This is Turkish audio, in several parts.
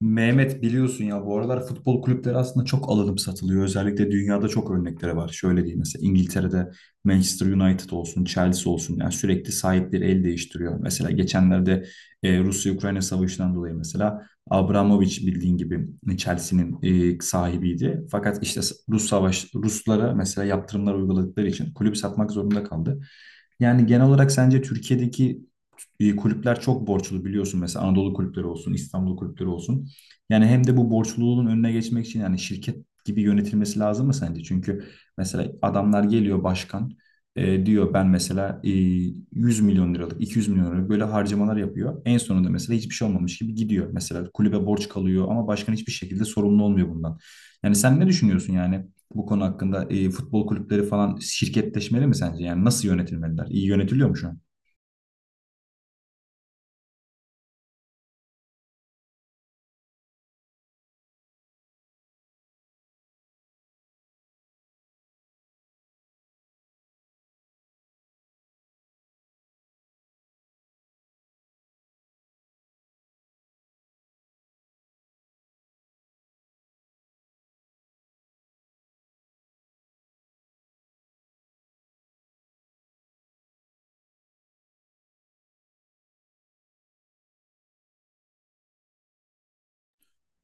Mehmet biliyorsun ya bu aralar futbol kulüpleri aslında çok alınıp satılıyor. Özellikle dünyada çok örnekleri var. Şöyle diyeyim, mesela İngiltere'de Manchester United olsun, Chelsea olsun, yani sürekli sahipleri el değiştiriyor. Mesela geçenlerde Rusya-Ukrayna savaşından dolayı mesela Abramovich bildiğin gibi Chelsea'nin sahibiydi. Fakat işte Ruslara mesela yaptırımlar uyguladıkları için kulüp satmak zorunda kaldı. Yani genel olarak sence Türkiye'deki kulüpler çok borçlu, biliyorsun, mesela Anadolu kulüpleri olsun, İstanbul kulüpleri olsun. Yani hem de bu borçluluğun önüne geçmek için yani şirket gibi yönetilmesi lazım mı sence? Çünkü mesela adamlar geliyor başkan, diyor ben mesela 100 milyon liralık, 200 milyon liralık böyle harcamalar yapıyor. En sonunda mesela hiçbir şey olmamış gibi gidiyor. Mesela kulübe borç kalıyor ama başkan hiçbir şekilde sorumlu olmuyor bundan. Yani sen ne düşünüyorsun yani? Bu konu hakkında futbol kulüpleri falan şirketleşmeli mi sence? Yani nasıl yönetilmeliler? İyi yönetiliyor mu şu an?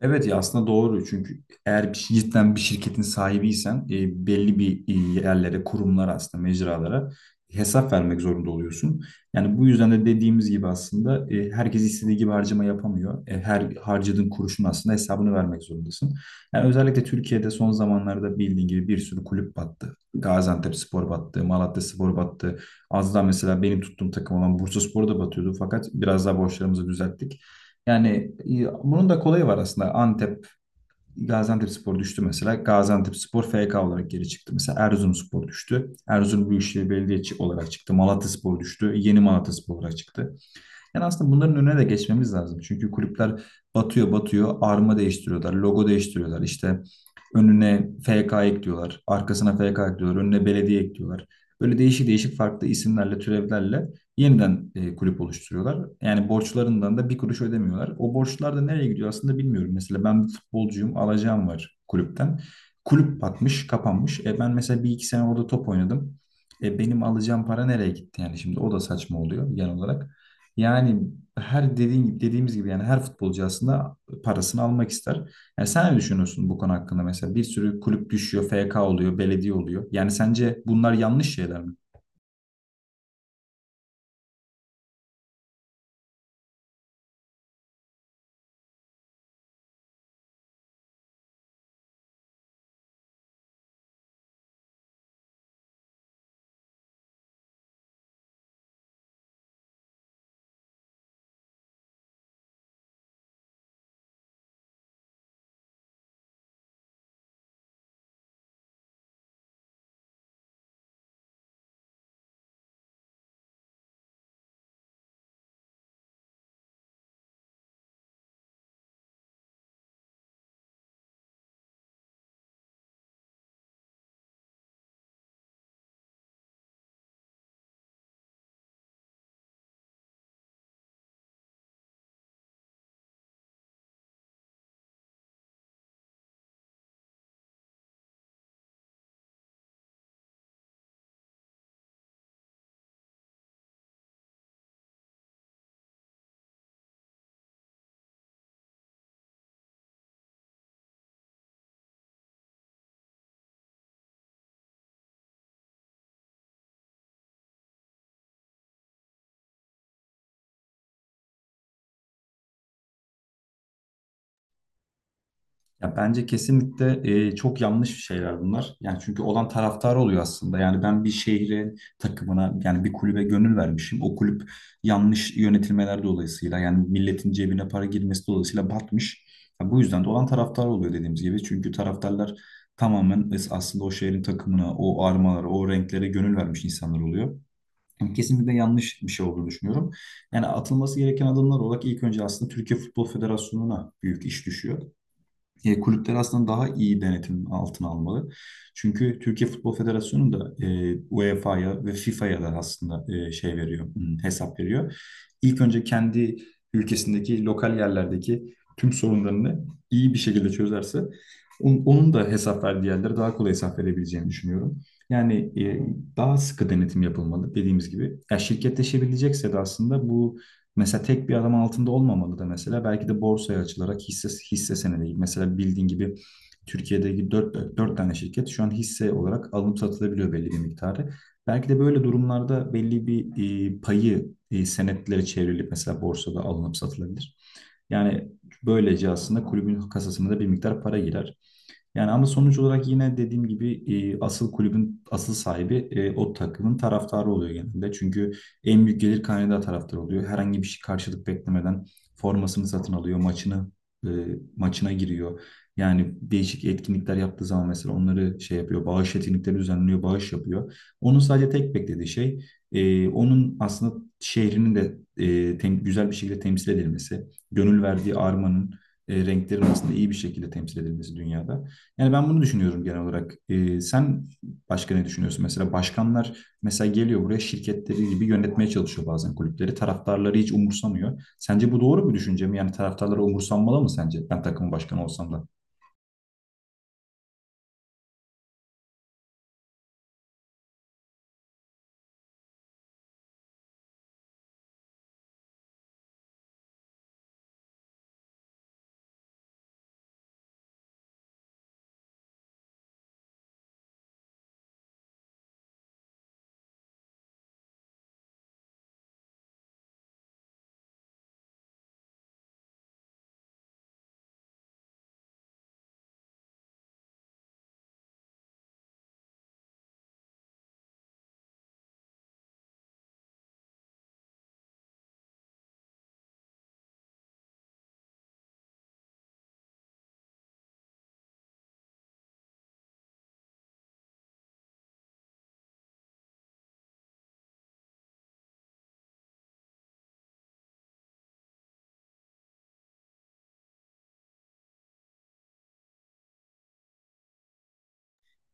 Evet ya, aslında doğru, çünkü eğer cidden bir şirketin sahibiysen belli bir yerlere, kurumlara, aslında mecralara hesap vermek zorunda oluyorsun. Yani bu yüzden de dediğimiz gibi aslında herkes istediği gibi harcama yapamıyor. Her harcadığın kuruşun aslında hesabını vermek zorundasın. Yani özellikle Türkiye'de son zamanlarda bildiğin gibi bir sürü kulüp battı. Gaziantepspor battı, Malatyaspor battı. Az daha mesela benim tuttuğum takım olan Bursaspor da batıyordu fakat biraz daha borçlarımızı düzelttik. Yani bunun da kolayı var aslında. Antep, Gaziantepspor düştü mesela. Gaziantepspor FK olarak geri çıktı. Mesela Erzurumspor düştü. Erzurum Büyükşehir Belediyesi olarak çıktı. Malatyaspor düştü. Yeni Malatyaspor olarak çıktı. Yani aslında bunların önüne de geçmemiz lazım. Çünkü kulüpler batıyor batıyor, arma değiştiriyorlar, logo değiştiriyorlar. İşte önüne FK ekliyorlar, arkasına FK ekliyorlar, önüne belediye ekliyorlar. Böyle değişik değişik farklı isimlerle, türevlerle yeniden kulüp oluşturuyorlar. Yani borçlarından da bir kuruş ödemiyorlar. O borçlar da nereye gidiyor aslında bilmiyorum. Mesela ben bir futbolcuyum, alacağım var kulüpten. Kulüp batmış, kapanmış. Ben mesela bir iki sene orada top oynadım. Benim alacağım para nereye gitti yani? Şimdi o da saçma oluyor genel olarak. Yani her dediğin gibi dediğimiz gibi yani her futbolcu aslında parasını almak ister. Yani sen ne düşünüyorsun bu konu hakkında mesela? Bir sürü kulüp düşüyor, FK oluyor, belediye oluyor. Yani sence bunlar yanlış şeyler mi? Ya, bence kesinlikle çok yanlış şeyler bunlar. Yani çünkü olan taraftar oluyor aslında. Yani ben bir şehre, takımına, yani bir kulübe gönül vermişim. O kulüp yanlış yönetilmeler dolayısıyla, yani milletin cebine para girmesi dolayısıyla batmış. Ya, bu yüzden de olan taraftar oluyor dediğimiz gibi. Çünkü taraftarlar tamamen aslında o şehrin takımına, o armalara, o renklere gönül vermiş insanlar oluyor. Yani kesinlikle yanlış bir şey olduğunu düşünüyorum. Yani atılması gereken adımlar olarak ilk önce aslında Türkiye Futbol Federasyonu'na büyük iş düşüyor. Kulüpler aslında daha iyi denetim altına almalı. Çünkü Türkiye Futbol Federasyonu da UEFA'ya ve FIFA'ya da aslında hesap veriyor. İlk önce kendi ülkesindeki lokal yerlerdeki tüm sorunlarını iyi bir şekilde çözerse onun da hesap verdiği yerlere daha kolay hesap verebileceğini düşünüyorum. Yani e, daha sıkı denetim yapılmalı dediğimiz gibi. Ya şirketleşebilecekse de aslında. Mesela tek bir adam altında olmamalı da mesela belki de borsaya açılarak hisse, hisse senedi gibi. Mesela bildiğin gibi Türkiye'deki dört tane şirket şu an hisse olarak alınıp satılabiliyor belli bir miktarı. Belki de böyle durumlarda belli bir payı senetlere çevrilip mesela borsada alınıp satılabilir. Yani böylece aslında kulübün kasasına da bir miktar para girer. Yani ama sonuç olarak yine dediğim gibi asıl kulübün asıl sahibi o takımın taraftarı oluyor genelde. Çünkü en büyük gelir kaynağı da taraftar oluyor. Herhangi bir şey karşılık beklemeden formasını satın alıyor, e, maçına giriyor. Yani değişik etkinlikler yaptığı zaman mesela onları şey yapıyor, bağış etkinlikleri düzenliyor, bağış yapıyor. Onun sadece tek beklediği şey onun aslında şehrinin de güzel bir şekilde temsil edilmesi, gönül verdiği armanın renklerin aslında iyi bir şekilde temsil edilmesi dünyada. Yani ben bunu düşünüyorum genel olarak. Sen başka ne düşünüyorsun? Mesela başkanlar mesela geliyor buraya, şirketleri gibi yönetmeye çalışıyor bazen kulüpleri. Taraftarları hiç umursamıyor. Sence bu doğru bir düşünce mi? Yani taraftarları umursanmalı mı sence? Ben takımın başkanı olsam da.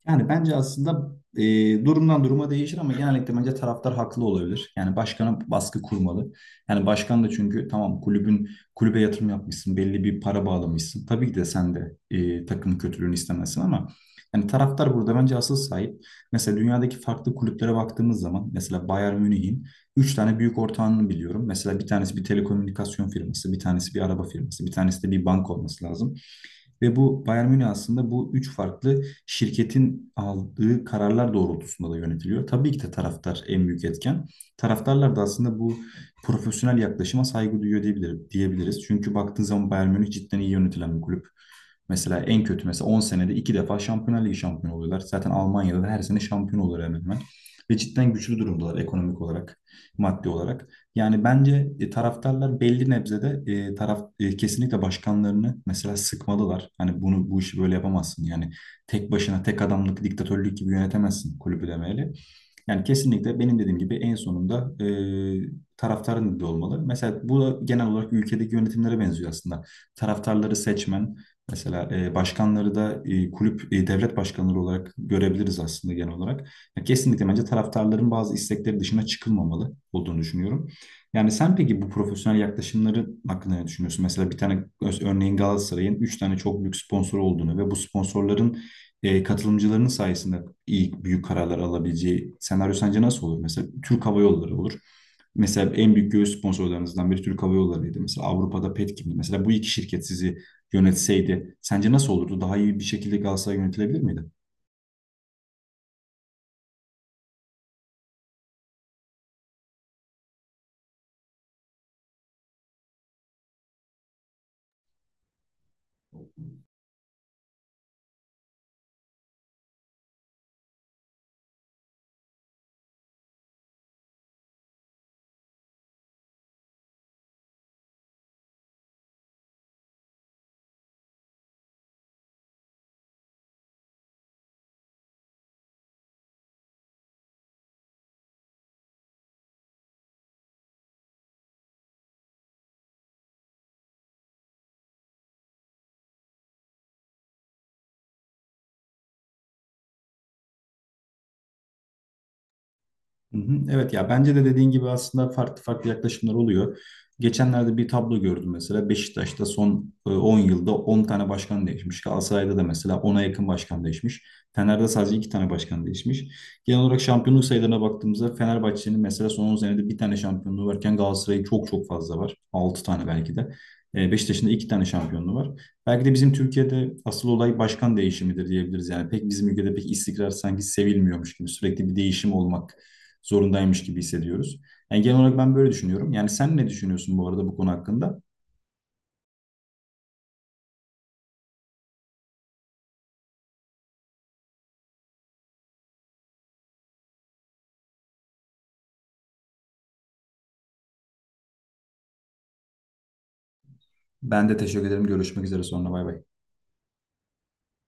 Yani bence aslında durumdan duruma değişir ama genellikle bence taraftar haklı olabilir. Yani başkana baskı kurmalı. Yani başkan da çünkü tamam, kulübe yatırım yapmışsın, belli bir para bağlamışsın. Tabii ki de sen de takımın kötülüğünü istemezsin ama yani taraftar burada bence asıl sahip. Mesela dünyadaki farklı kulüplere baktığımız zaman mesela Bayern Münih'in 3 tane büyük ortağını biliyorum. Mesela bir tanesi bir telekomünikasyon firması, bir tanesi bir araba firması, bir tanesi de bir banka olması lazım. Ve bu Bayern Münih aslında bu üç farklı şirketin aldığı kararlar doğrultusunda da yönetiliyor. Tabii ki de taraftar en büyük etken. Taraftarlar da aslında bu profesyonel yaklaşıma saygı duyuyor diyebilir, diyebiliriz. Çünkü baktığın zaman Bayern Münih cidden iyi yönetilen bir kulüp. Mesela en kötü mesela 10 senede iki defa Şampiyonlar Ligi şampiyonu oluyorlar. Zaten Almanya'da da her sene şampiyon oluyorlar hemen hemen. Ve cidden güçlü durumdalar ekonomik olarak, maddi olarak. Yani bence taraftarlar belli nebzede kesinlikle başkanlarını mesela sıkmalılar. Hani bunu, bu işi böyle yapamazsın. Yani tek başına tek adamlık, diktatörlük gibi yönetemezsin kulübü demeli. Yani kesinlikle benim dediğim gibi en sonunda taraftarın dediği olmalı. Mesela bu da genel olarak ülkedeki yönetimlere benziyor aslında. Taraftarları seçmen, mesela başkanları da devlet başkanları olarak görebiliriz aslında genel olarak. Ya kesinlikle bence taraftarların bazı istekleri dışına çıkılmamalı olduğunu düşünüyorum. Yani sen peki bu profesyonel yaklaşımları hakkında ne düşünüyorsun? Mesela bir tane örneğin Galatasaray'ın 3 tane çok büyük sponsoru olduğunu ve bu sponsorların katılımcılarının sayesinde iyi, büyük kararlar alabileceği senaryo sence nasıl olur? Mesela Türk Hava Yolları olur. Mesela en büyük göğüs sponsorlarınızdan biri Türk Hava Yolları'ydı. Mesela Avrupa'da Petkim'di. Mesela bu iki şirket sizi yönetseydi sence nasıl olurdu? Daha iyi bir şekilde Galatasaray yönetilebilir miydi? Hı hı, evet ya, bence de dediğin gibi aslında farklı farklı yaklaşımlar oluyor. Geçenlerde bir tablo gördüm, mesela Beşiktaş'ta son 10 yılda 10 tane başkan değişmiş. Galatasaray'da da mesela ona yakın başkan değişmiş. Fener'de sadece 2 tane başkan değişmiş. Genel olarak şampiyonluk sayılarına baktığımızda Fenerbahçe'nin mesela son 10 senede bir tane şampiyonluğu varken Galatasaray'ın çok çok fazla var. 6 tane belki de. Beşiktaş'ın da 2 tane şampiyonluğu var. Belki de bizim Türkiye'de asıl olay başkan değişimidir diyebiliriz. Yani pek bizim ülkede pek istikrar sanki sevilmiyormuş gibi, sürekli bir değişim olmak zorundaymış gibi hissediyoruz. Yani genel olarak ben böyle düşünüyorum. Yani sen ne düşünüyorsun bu arada bu konu hakkında? Ben de teşekkür ederim. Görüşmek üzere sonra. Bay bay.